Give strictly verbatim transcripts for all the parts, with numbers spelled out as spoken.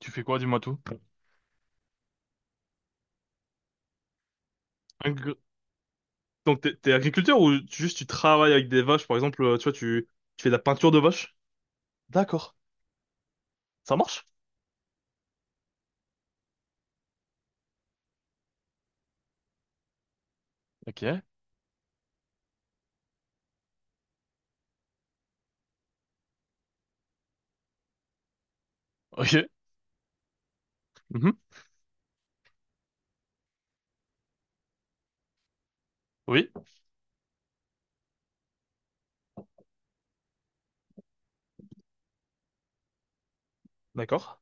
Tu fais quoi, dis-moi tout? Agri- Donc, t'es, t'es agriculteur ou tu- juste tu travailles avec des vaches, par exemple, euh, tu vois, tu, tu fais de la peinture de vaches? D'accord. Ça marche? Ok. Ok. Mhm. Oui. D'accord.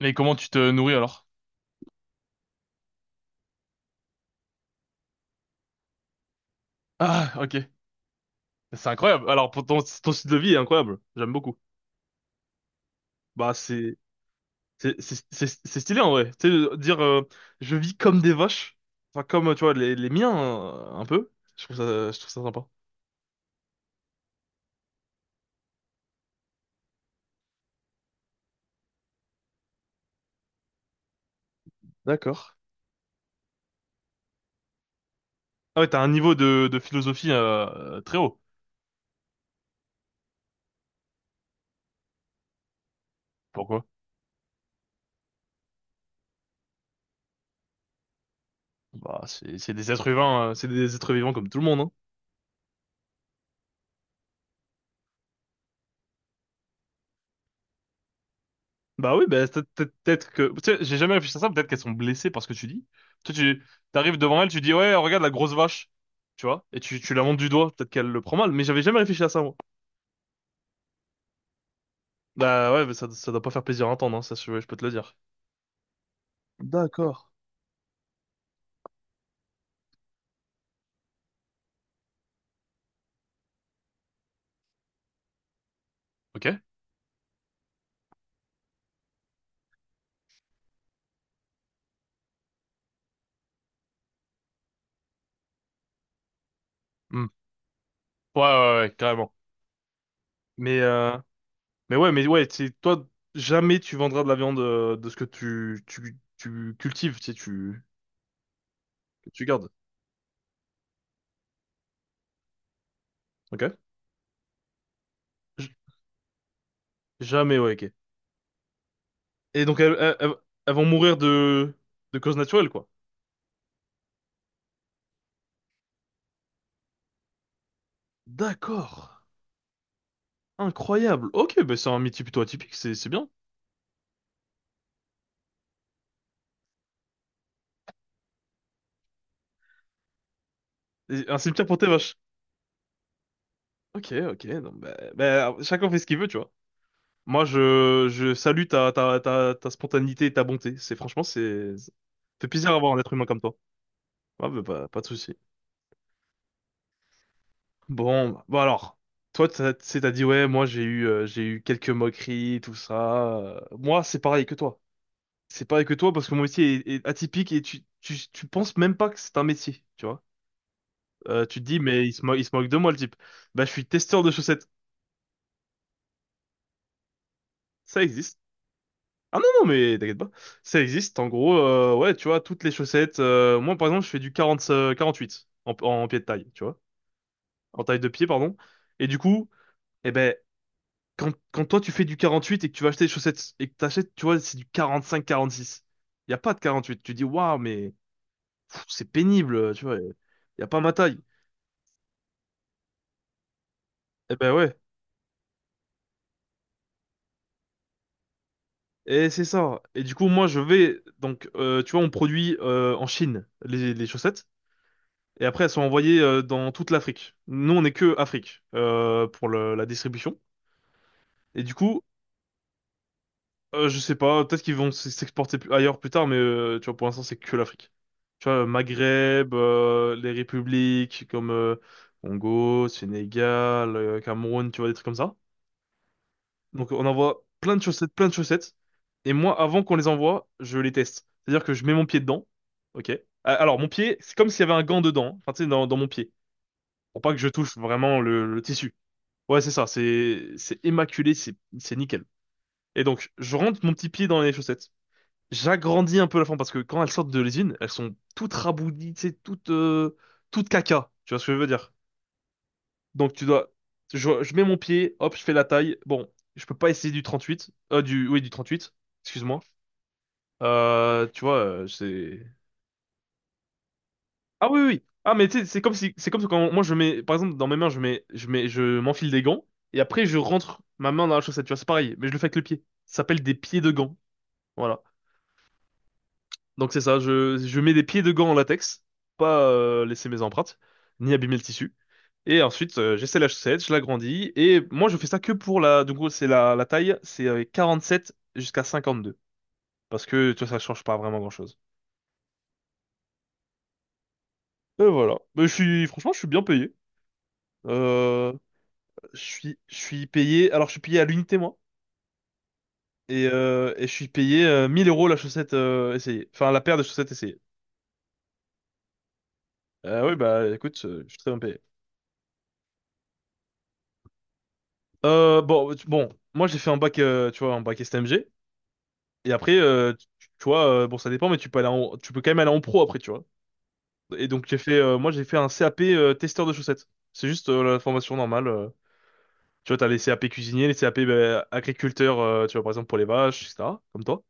Mais comment tu te nourris alors? Ah, ok. C'est incroyable. Alors, pour ton, ton style de vie est incroyable. J'aime beaucoup. Bah, c'est, c'est, c'est, c'est c'est stylé en vrai. Tu sais, euh, dire, euh, je vis comme des vaches. Enfin, comme, euh, tu vois, les, les miens, euh, un peu. Je trouve ça, je trouve ça sympa. D'accord. Ah ouais, t'as un niveau de, de philosophie, euh, euh, très haut. Pourquoi? Bah, c'est c'est des êtres humains, euh, c'est des êtres vivants comme tout le monde, hein. Bah oui, bah, peut- peut- peut-être que. Tu sais, j'ai jamais réfléchi à ça, peut-être qu'elles sont blessées par ce que tu dis. Toi, tu t'arrives devant elle, tu dis, ouais, regarde la grosse vache, tu vois, et tu, tu la montres du doigt, peut-être qu'elle le prend mal, mais j'avais jamais réfléchi à ça, moi. Bah ouais, mais ça, ça doit pas faire plaisir à entendre, hein, ça, je, je peux te le dire. D'accord. Ok? Hmm. Ouais, ouais, ouais, ouais, carrément. Mais, euh, mais ouais, mais ouais, c'est toi, jamais tu vendras de la viande euh, de ce que tu, tu, tu cultives, tu sais, tu, que tu gardes. Ok? J- jamais, ouais, ok. Et donc elles, elles- elles- elles vont mourir de, de causes naturelles, quoi. D'accord. Incroyable. Ok, bah c'est un métier plutôt atypique, c'est c'est bien. Et Un cimetière pour tes vaches. Ok, ok. Non, bah, bah, chacun fait ce qu'il veut, tu vois. Moi, je, je salue ta, ta, ta, ta spontanéité et ta bonté. C'est franchement, c'est ça fait plaisir d'avoir un être humain comme toi. Ah, bah, bah, pas de souci. Bon, bah, bon alors. Toi, t'as- t'sais, t'as dit, ouais, moi j'ai eu, euh, j'ai eu quelques moqueries, tout ça. Euh, Moi, c'est pareil que toi. C'est pareil que toi, parce que mon métier est, est atypique et tu, tu, tu penses même pas que c'est un métier, tu vois. Euh, tu te dis, mais il se moque, il se moque de moi, le type. Bah, je suis testeur de chaussettes. Ça existe. Ah non, non, mais t'inquiète pas. Ça existe, en gros, euh, ouais, tu vois, toutes les chaussettes. euh, moi, par exemple, je fais du quarante, euh, quarante-huit en, en pied de taille, tu vois. En taille de pied, pardon. Et du coup, eh ben, quand, quand toi, tu fais du quarante-huit et que tu vas acheter des chaussettes et que t'achètes, tu vois, c'est du quarante-cinq, quarante-six. Il n'y a pas de quarante-huit. Tu dis, waouh, mais pff, c'est pénible, tu vois. Il n'y a pas ma taille. Eh ben ouais, et c'est ça. Et du coup, moi, je vais donc, euh, tu vois, on produit euh, en Chine les, les chaussettes, et après, elles sont envoyées euh, dans toute l'Afrique. Nous, on est que Afrique euh, pour le- la distribution. Et du coup, euh, je sais pas, peut-être qu'ils vont s- s'exporter plus- ailleurs plus tard, mais euh, tu vois, pour l'instant, c'est que l'Afrique. Tu vois, le Maghreb, euh, les républiques comme euh, Congo, Sénégal, euh, Cameroun, tu vois, des trucs comme ça. Donc on envoie plein de chaussettes, plein de chaussettes. Et moi, avant qu'on les envoie, je les teste. C'est-à-dire que je mets mon pied dedans. Ok. Ah, alors mon pied, c'est comme s'il y avait un gant dedans, hein. Enfin, tu sais, dans, dans mon pied. Pour pas que je touche vraiment le, le tissu. Ouais, c'est ça. C'est c'est immaculé. C'est c'est nickel. Et donc je rentre mon petit pied dans les chaussettes. J'agrandis un peu la forme parce que quand elles sortent de l'usine, elles sont toutes raboudies, tu sais, toutes euh, toutes caca. Tu vois ce que je veux dire? Donc tu dois. Je, je mets mon pied, hop, je fais la taille. Bon, je peux pas essayer du trente-huit. Euh, du, oui, du trente-huit. Excuse-moi. Euh, tu vois, euh, c'est. Ah oui, oui, oui. Ah mais tu sais, c'est comme si, c'est comme quand moi je mets, par exemple, dans mes mains, je mets, je mets, je m'enfile des gants et après je rentre ma main dans la chaussette. Tu vois, c'est pareil, mais je le fais avec le pied. Ça s'appelle des pieds de gants. Voilà. Donc c'est ça. Je, je mets des pieds de gants en latex, pas euh, laisser mes empreintes, ni abîmer le tissu. Et ensuite, euh, j'essaie la chaussette, je l'agrandis. Et moi, je fais ça que pour la. Du coup c'est la, la taille, c'est euh, quarante-sept jusqu'à cinquante-deux. Parce que, tu vois, ça change pas vraiment grand-chose. Et voilà. Mais je suis, franchement, je suis bien payé. Euh, je suis, je suis payé. Alors, je suis payé à l'unité, moi. Et, euh, et je suis payé euh, mille euros la chaussette euh, essayée. Enfin, la paire de chaussettes essayées. Euh, oui, bah, écoute, euh, je suis très bien payé. Euh, bon, tu- bon, moi, j'ai fait un bac, euh, tu vois, un bac S T M G. Et après, euh, tu, tu vois, euh, bon, ça dépend, mais tu peux aller en- tu peux quand même aller en pro après, tu vois. Et donc j'ai fait, euh, moi j'ai fait un CAP euh, testeur de chaussettes. C'est juste euh, la formation normale. euh. Tu vois, t'as les CAP cuisiniers, les CAP bah, agriculteurs, euh, tu vois, par exemple pour les vaches, et cetera. Comme toi.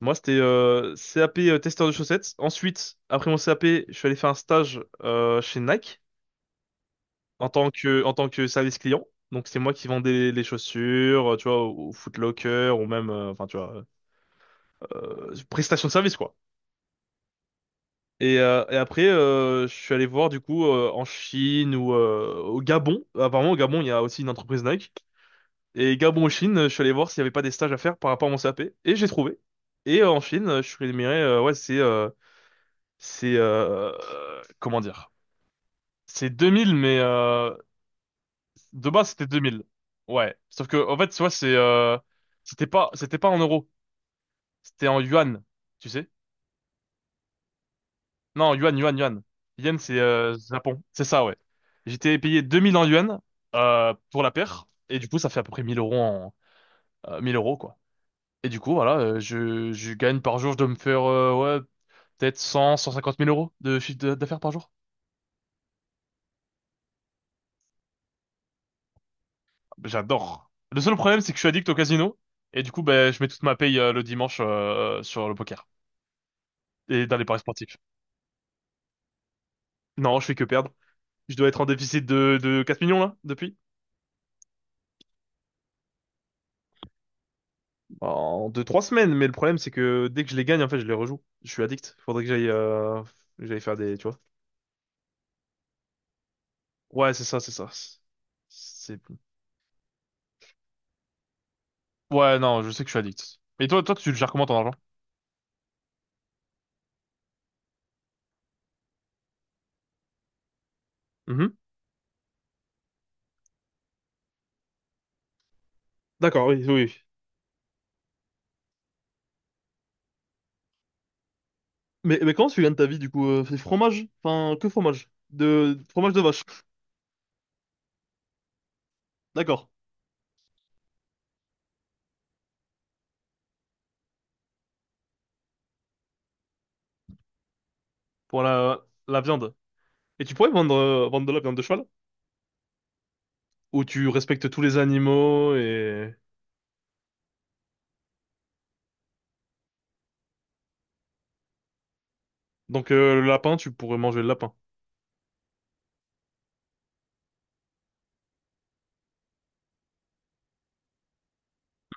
Moi c'était euh, CAP euh, testeur de chaussettes. Ensuite, après mon CAP, je suis allé faire un stage euh, chez Nike en tant que, en tant que service client. Donc c'est moi qui vendais les chaussures, euh, tu vois, au au Foot Locker ou même, euh, enfin tu vois, euh, prestation de service quoi. Et, euh, et après, euh, je suis allé voir du coup euh, en Chine ou euh, au Gabon. Apparemment, au Gabon, il y a aussi une entreprise Nike. Et Gabon, ou Chine, euh, je suis allé voir s'il n'y avait pas des stages à faire par rapport à mon CAP. Et j'ai trouvé. Et euh, en Chine, euh, je suis rémunéré, euh, ouais, c'est, euh, c'est, euh, euh, comment dire? C'est deux mille, mais euh, de base, c'était deux mille. Ouais. Sauf que, en fait, tu vois, c'est, euh, c'était pas, c'était pas en euros. C'était en yuan, tu sais? Non, yuan, yuan, yuan. Yen, c'est euh, Japon. C'est ça, ouais. J'étais payé deux mille en yuan euh, pour la paire. Et du coup, ça fait à peu près mille euros en... euh, mille euros, quoi. Et du coup, voilà, euh, je, je gagne par jour, je dois me faire, euh, ouais, peut-être cent, cent cinquante mille euros de chiffre d- d'affaires par jour. J'adore. Le seul problème, c'est que je suis addict au casino. Et du coup, ben, je mets toute ma paye euh, le dimanche euh, sur le poker. Et dans les paris sportifs. Non, je fais que perdre. Je dois être en déficit de, de quatre millions, là, depuis. En deux, trois semaines, mais le problème c'est que dès que je les gagne, en fait, je les rejoue. Je suis addict. Faudrait que j'aille euh, que j'aille faire des, tu vois. Ouais, c'est ça, c'est ça. C'est Ouais, non, je sais que je suis addict. Et toi, toi, tu le gères comment ton argent? Mhm. D'accord, oui, oui, oui. Mais, mais comment tu gagnes ta vie du coup? euh, C'est fromage? Enfin, que fromage? De fromage de vache. D'accord. Pour la la viande. Et tu pourrais vendre euh, vendre de la viande de cheval? Où tu respectes tous les animaux et donc euh, le lapin, tu pourrais manger le lapin.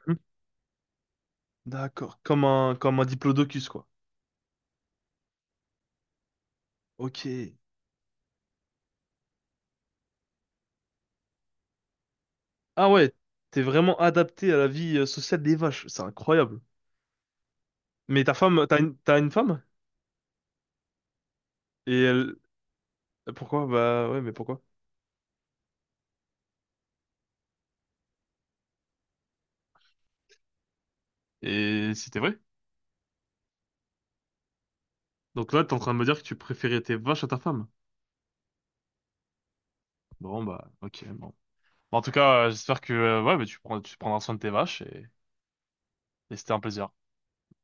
Mhm. D'accord. Comme un comme un diplodocus quoi. Ok. Ah ouais, t'es vraiment adapté à la vie euh, sociale des vaches, c'est incroyable. Mais ta femme, t'as une, t'as une femme? Et elle. Pourquoi? Bah ouais, mais pourquoi? Et c'était vrai? Donc là, t'es en train de me dire que tu préférais tes vaches à ta femme. Bon bah, ok, bon. Bon, en tout cas, euh, j'espère que euh, ouais, mais tu prends, tu prendras soin de tes vaches et, et c'était un plaisir.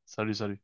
Salut, salut.